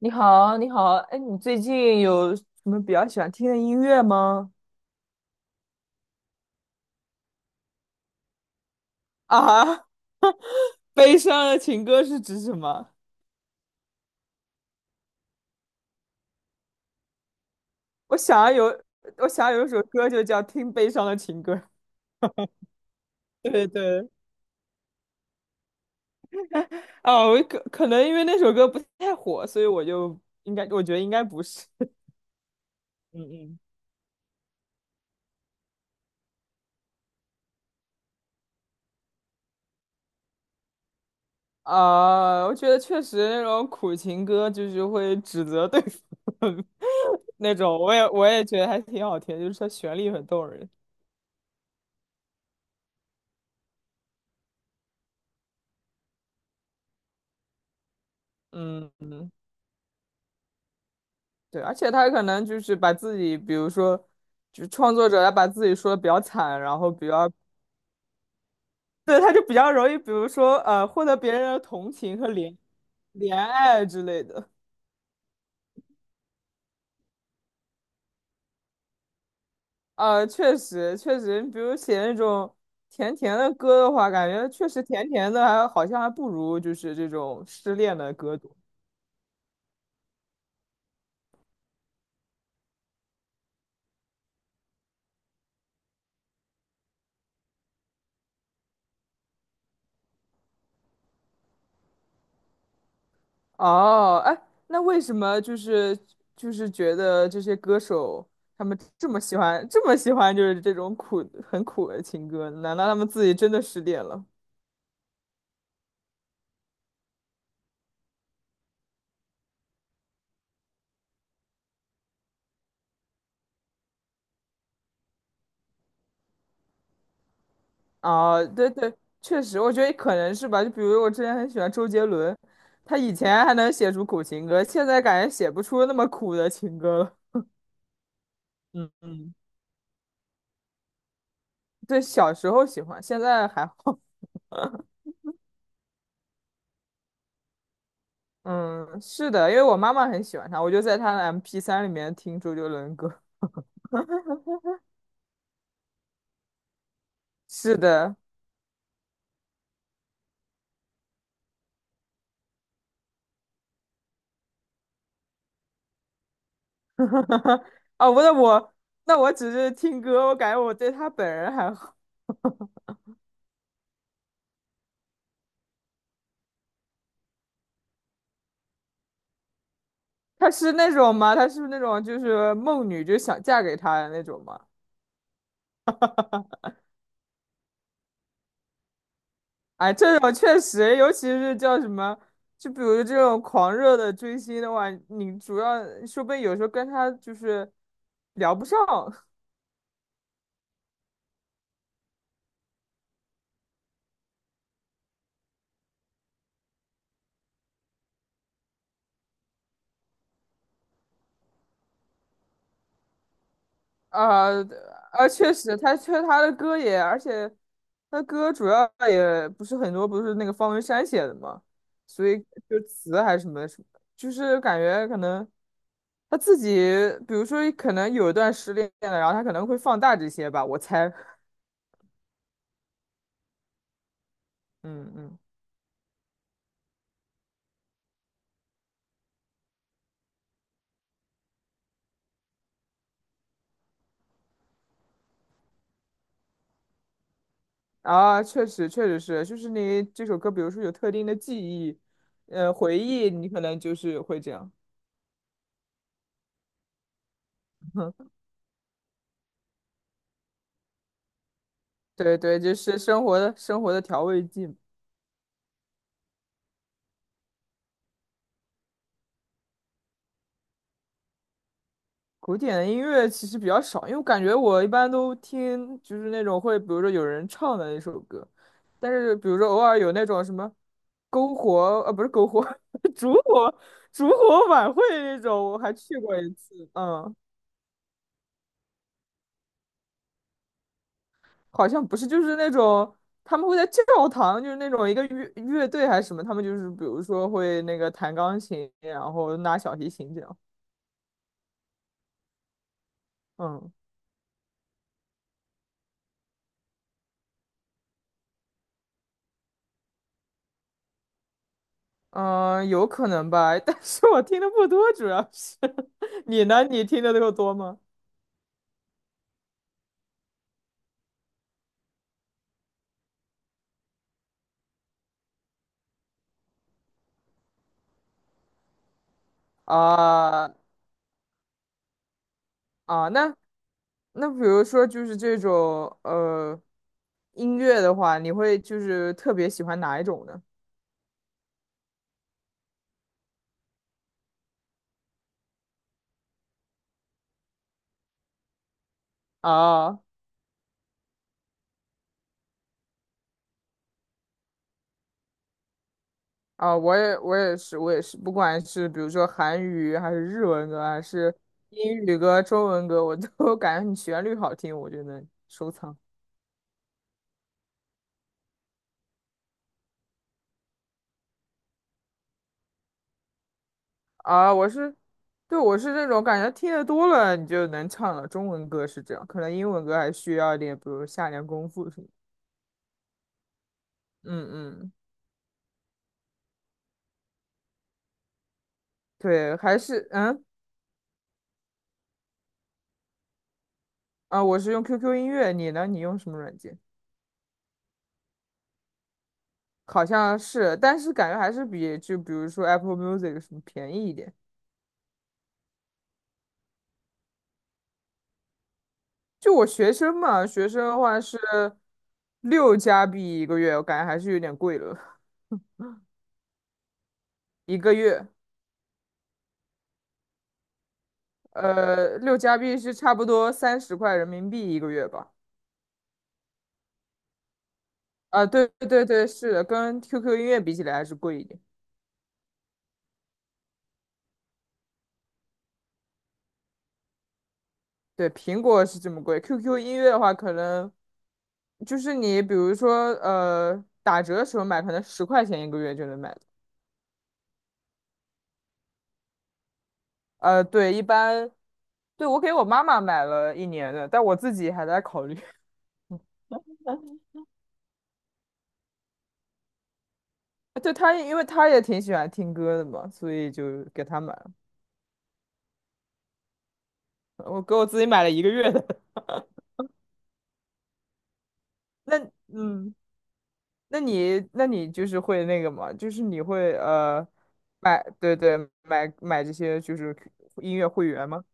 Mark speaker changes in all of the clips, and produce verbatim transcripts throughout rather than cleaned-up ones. Speaker 1: 你好，你好，哎，你最近有什么比较喜欢听的音乐吗？啊，悲伤的情歌是指什么？我想要有，我想要有一首歌就叫《听悲伤的情歌》对对，啊，我可可能因为那首歌不太火，所以我就应该，我觉得应该不是。嗯嗯。啊，我觉得确实那种苦情歌就是会指责对方 那种，我也我也觉得还挺好听，就是它旋律很动人。嗯。对，而且他可能就是把自己，比如说，就是创作者，他把自己说的比较惨，然后比较，对，他就比较容易，比如说，呃，获得别人的同情和怜怜爱之类的。呃，确实，确实，比如写那种甜甜的歌的话，感觉确实甜甜的还好像还不如就是这种失恋的歌多。哦，哎，那为什么就是就是觉得这些歌手他们这么喜欢这么喜欢就是这种苦很苦的情歌？难道他们自己真的失恋了？哦，对对，确实，我觉得可能是吧。就比如我之前很喜欢周杰伦，他以前还能写出苦情歌，现在感觉写不出那么苦的情歌了。嗯嗯，对，小时候喜欢，现在还好。嗯，是的，因为我妈妈很喜欢他，我就在他的 m p 三里面听周杰伦歌。是的，哦，不，那我那我只是听歌，我感觉我对他本人还好。他是那种吗？他是不是那种就是梦女，就想嫁给他的那种吗？哎，这种确实，尤其是叫什么，就比如这种狂热的追星的话，你主要说不定有时候跟他就是聊不上。啊啊，确实，他确他的歌也，而且他歌主要也不是很多，不是那个方文山写的嘛，所以就词还是什么什么，就是感觉可能他自己，比如说可能有一段失恋了，然后他可能会放大这些吧，我猜，嗯嗯，啊，确实确实是，就是你这首歌，比如说有特定的记忆，呃，回忆，你可能就是会这样，对对，就是生活的生活的调味剂。古典的音乐其实比较少，因为我感觉我一般都听就是那种会，比如说有人唱的那首歌，但是比如说偶尔有那种什么篝火，呃，不是篝火，烛火烛火晚会那种，我还去过一次，嗯，好像不是，就是那种他们会在教堂，就是那种一个乐乐队还是什么，他们就是比如说会那个弹钢琴，然后拿小提琴这样，嗯嗯，有可能吧，但是我听的不多，主要是 你呢？你听的够多吗？啊啊，那那比如说就是这种呃音乐的话，你会就是特别喜欢哪一种呢？啊啊，我也我也是我也是，不管是比如说韩语还是日文歌，还是英语歌、中文歌，我都 感觉你旋律好听，我就能收藏。啊，我是，对，我是那种感觉听得多了你就能唱了。中文歌是这样，可能英文歌还需要一点，比如下点功夫什么。嗯嗯，对，还是嗯啊，我是用 Q Q 音乐，你呢？你用什么软件？好像是，但是感觉还是比就比如说 Apple Music 什么便宜一点。就我学生嘛，学生的话是六加币一个月，我感觉还是有点贵了，一个月。呃，六加币是差不多三十块人民币一个月吧。啊，对对对对是的，跟 Q Q 音乐比起来还是贵一点。对，苹果是这么贵，Q Q 音乐的话，可能就是你比如说呃打折的时候买，可能十块钱一个月就能买到。呃，对，一般，对，我给我妈妈买了一年的，但我自己还在考虑。对她，因为她也挺喜欢听歌的嘛，所以就给她买了。我给我自己买了一个月的。那嗯。那你那你就是会那个嘛，就是你会呃买对对买买这些就是音乐会员吗？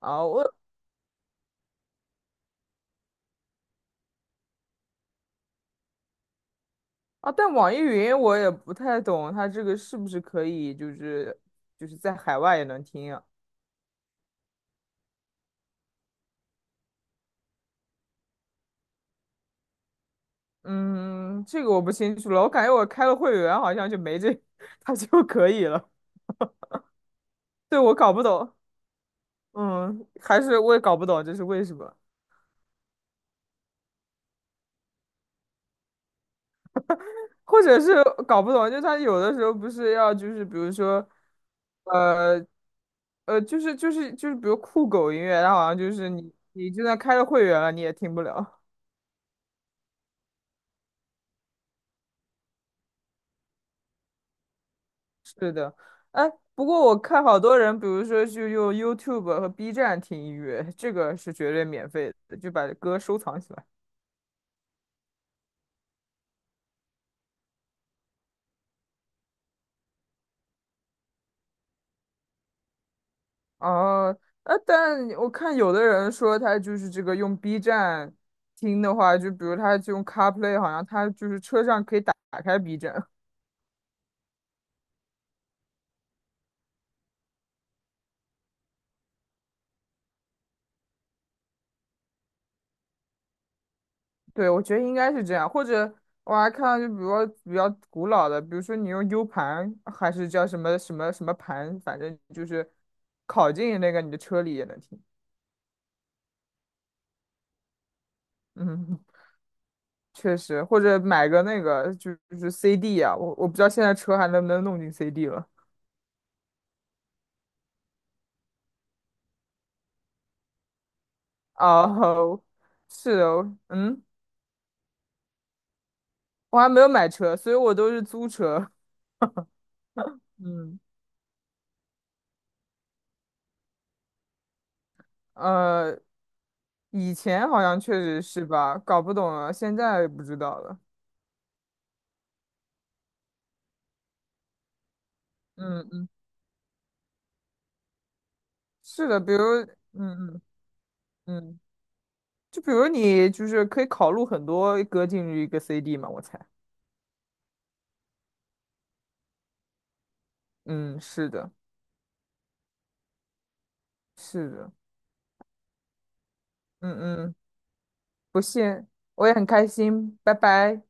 Speaker 1: 啊，我啊，但网易云我也不太懂，它这个是不是可以就是就是在海外也能听啊？嗯，这个我不清楚了，我感觉我开了会员好像就没这，它就可以了。对，我搞不懂，嗯，还是我也搞不懂这是为什么。或者是搞不懂，就他有的时候不是要就是比如说，呃，呃，就是就是就是比如酷狗音乐，它好像就是你你就算开了会员了，你也听不了。是的，哎，不过我看好多人，比如说就用 YouTube 和 B 站听音乐，这个是绝对免费的，就把歌收藏起来。哦，呃，但我看有的人说他就是这个用 B 站听的话，就比如他就用 CarPlay，好像他就是车上可以打打开 B 站。对，我觉得应该是这样，或者我还看到就比如说比较古老的，比如说你用 U 盘还是叫什么什么什么盘，反正就是拷进那个你的车里也能听。嗯，确实，或者买个那个就就是 C D 啊，我我不知道现在车还能不能弄进 C D 了。哦，是哦，嗯，我还没有买车，所以我都是租车。嗯，呃，以前好像确实是吧，搞不懂了，现在不知道了。嗯嗯是的，比如，嗯嗯嗯，就比如你就是可以考录很多歌进入一个 C D 嘛，我猜。嗯，是的，是的，嗯嗯，不信，我也很开心，拜拜。